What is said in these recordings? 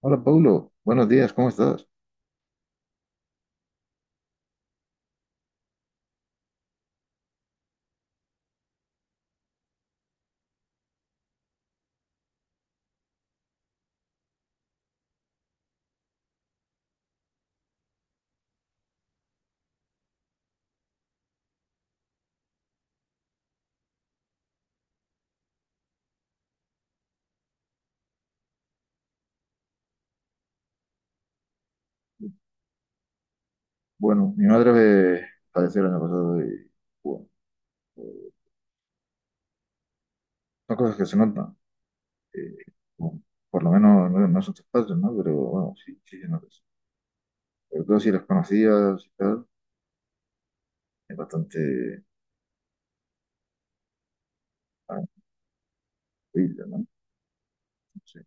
Hola, Paulo. Buenos días, ¿cómo estás? Bueno, mi madre padeció el año pasado y, bueno, son cosas que se notan. eh, bueno, por lo menos no son tus padres, ¿no? Pero, bueno, sí, sí se notan. Sobre todo si las conocías y tal, es bastante ah, horrible, ¿no? No sé.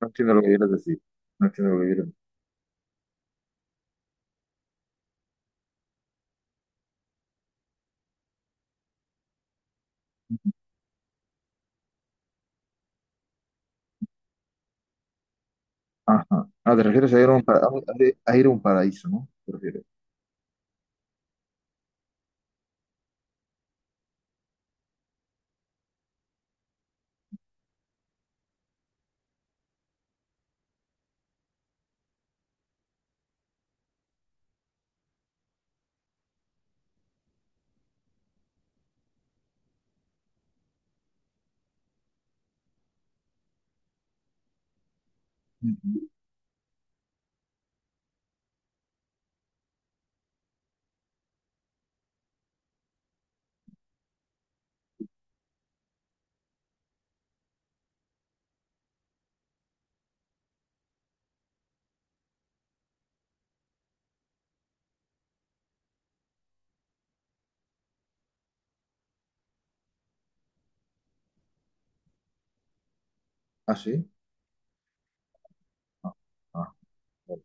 No entiendo lo que quieres decir. No entiendo lo que quieres decir. Ajá. Ah, te refieres a ir a un, para- a- un- a ir a un paraíso, ¿no? Te refieres. Ujú. ¿Ah, sí? Ah, ah, vale.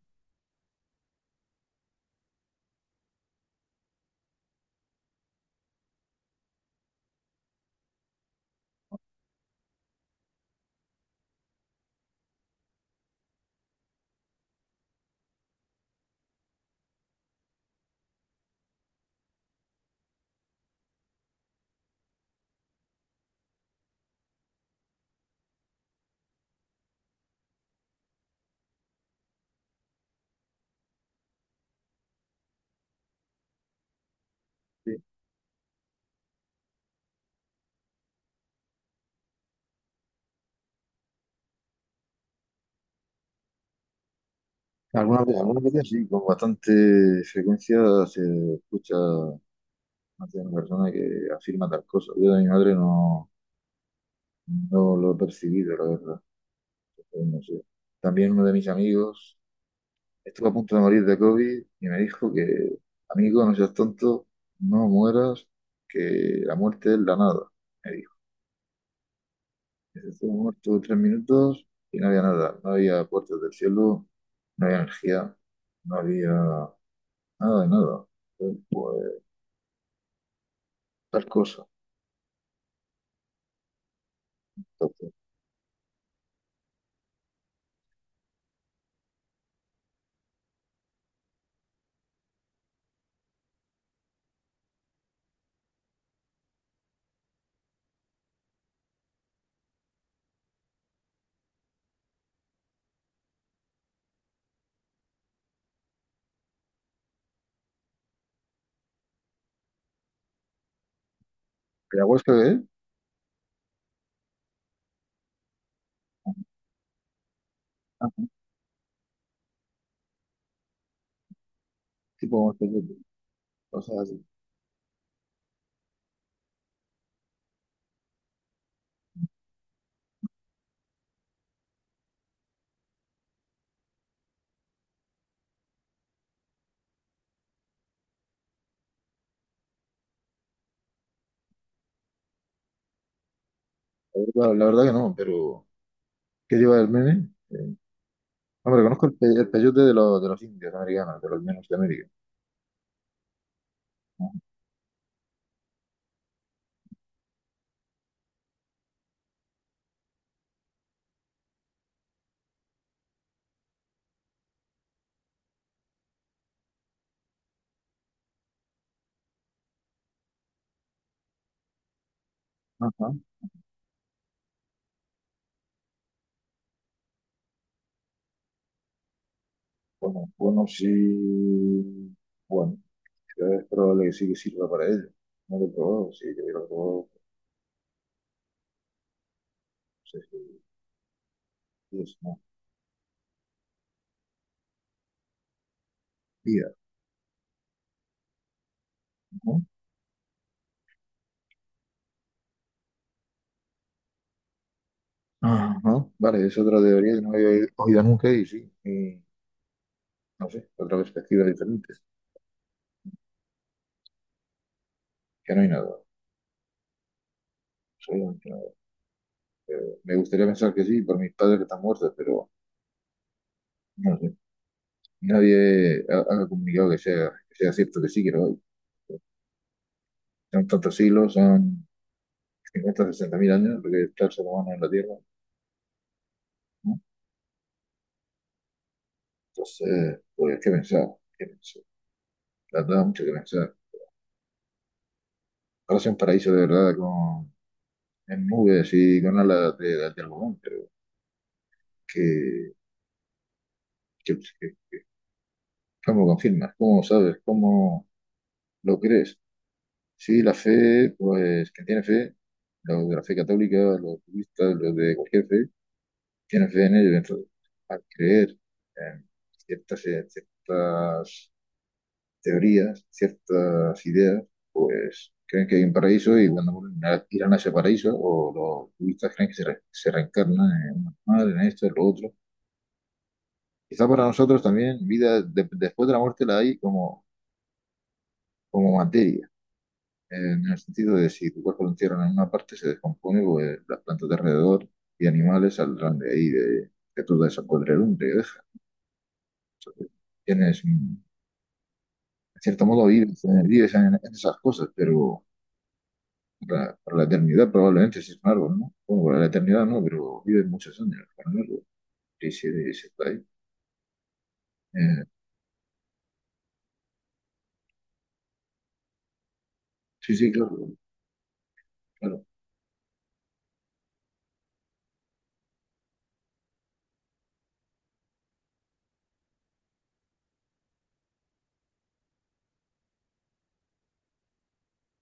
Sí, algunas veces, algunas veces sí, con bastante frecuencia se escucha más de una persona que afirma tal cosa. Yo de mi madre no, no lo he percibido, la verdad. Pero no sé. También uno de mis amigos estuvo a punto de morir de COVID y me dijo que, amigo, no seas tonto, no mueras, que la muerte es la nada, me dijo. Estuvo muerto 3 minutos y no había nada, no había puertas del cielo, no había energía, no había nada de nada. Pues, tal cosa. Entonces, Ayahuasca, ¿eh? Ah, tipo, cosas así. La la verdad que no, pero ¿qué lleva el meme? Hombre, conozco el peyote de los indios americanos, de los menos de América. Ajá. Bueno, bueno, sí. Bueno, es probable que sí que sirva para ello. No lo he probado, sí que lo he probado. No sé si si es una vida, ¿no? Ajá. Vale, es otra teoría que no había oído nunca y sí. Y, no sé, otra perspectiva diferente. Que no hay nada, absolutamente nada. Eh, Me gustaría pensar que sí, por mis padres que están muertos, pero no sé. Nadie ha comunicado que sea cierto que sí, que lo hay. Son tantos siglos, son 50 60 mil años lo que está el ser humano en la Tierra, ¿no? Entonces, pues, ¿qué pensar? ¿Qué pensar? La verdad, mucho que pensar. Ahora sea un paraíso de verdad con, en nubes y con alas de algodón, pero que, que- que- ¿cómo lo confirmas? ¿Cómo lo sabes? ¿Cómo lo crees? Sí, la fe, pues quien tiene fe, los de la fe católica, los budistas, los de cualquier fe, tienen fe en ello. Entonces, al creer en ciertas teorías, ciertas ideas, pues creen que hay un paraíso y cuando mueren irán a ese paraíso, o los budistas creen que se reencarnan en un animal, en esto, en lo otro. Quizá para nosotros también vida después de la muerte la hay como, como materia. En el sentido de si tu cuerpo lo entierran en una parte, se descompone, pues las plantas de alrededor y animales saldrán de ahí, de toda esa podredumbre que deja. Tienes, en cierto modo, vives, vives en esas cosas, pero para la eternidad probablemente si es un árbol, ¿no? Bueno, para la eternidad no, pero vives muchos años con un árbol. Y si está ahí. Eh, sí, sí, claro, claro.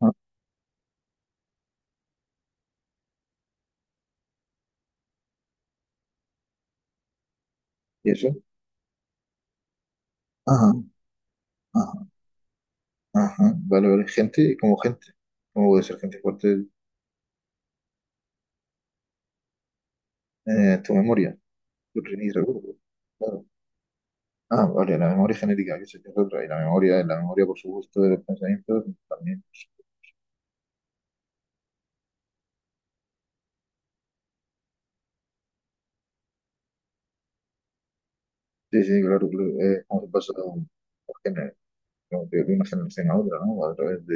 Ah, ¿y eso? Ajá, ajá, ajá. Vale, vale. Gente como gente. ¿Cómo puede ser gente fuerte tu memoria? Yo ni recuerdo. Ah, vale, la memoria genética, que se es otra, y la memoria por su gusto de los pensamientos también. Sí, sí, claro, claro, es como se pasa de una generación a otra, ¿no? A través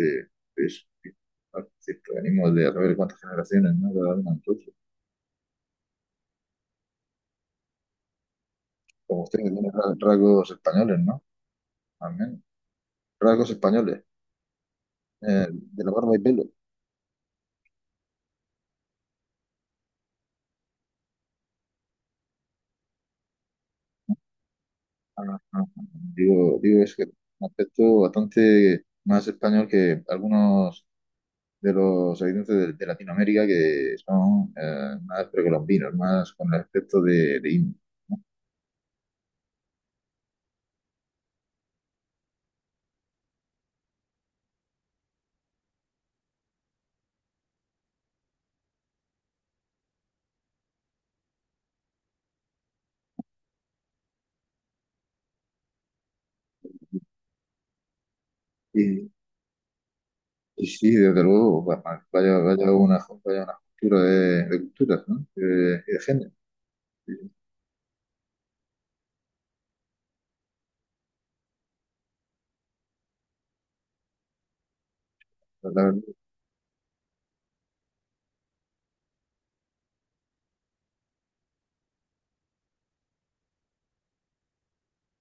de eso. Sí. Claro, es que venimos de a través de cuántas generaciones, ¿no? Cada uno de nosotros. Como ustedes que tiene rasgos españoles, ¿no? También rasgos españoles, de la barba y pelo. Ah, ah, ah. Digo, digo, es que un aspecto bastante más español que algunos de los habitantes de Latinoamérica que son más precolombinos, más con el aspecto de indio, ¿no? Y, y sí, desde luego, vaya una, vaya una cultura de culturas, ¿no? Y de género. Y la verdad,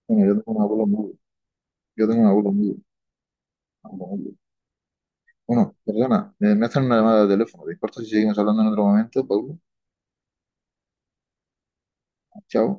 bueno, yo tengo un abuelo muy, abuelo muy- bueno, perdona, me hacen una llamada de teléfono. ¿Te importa si seguimos hablando en otro momento, Pablo? Chao.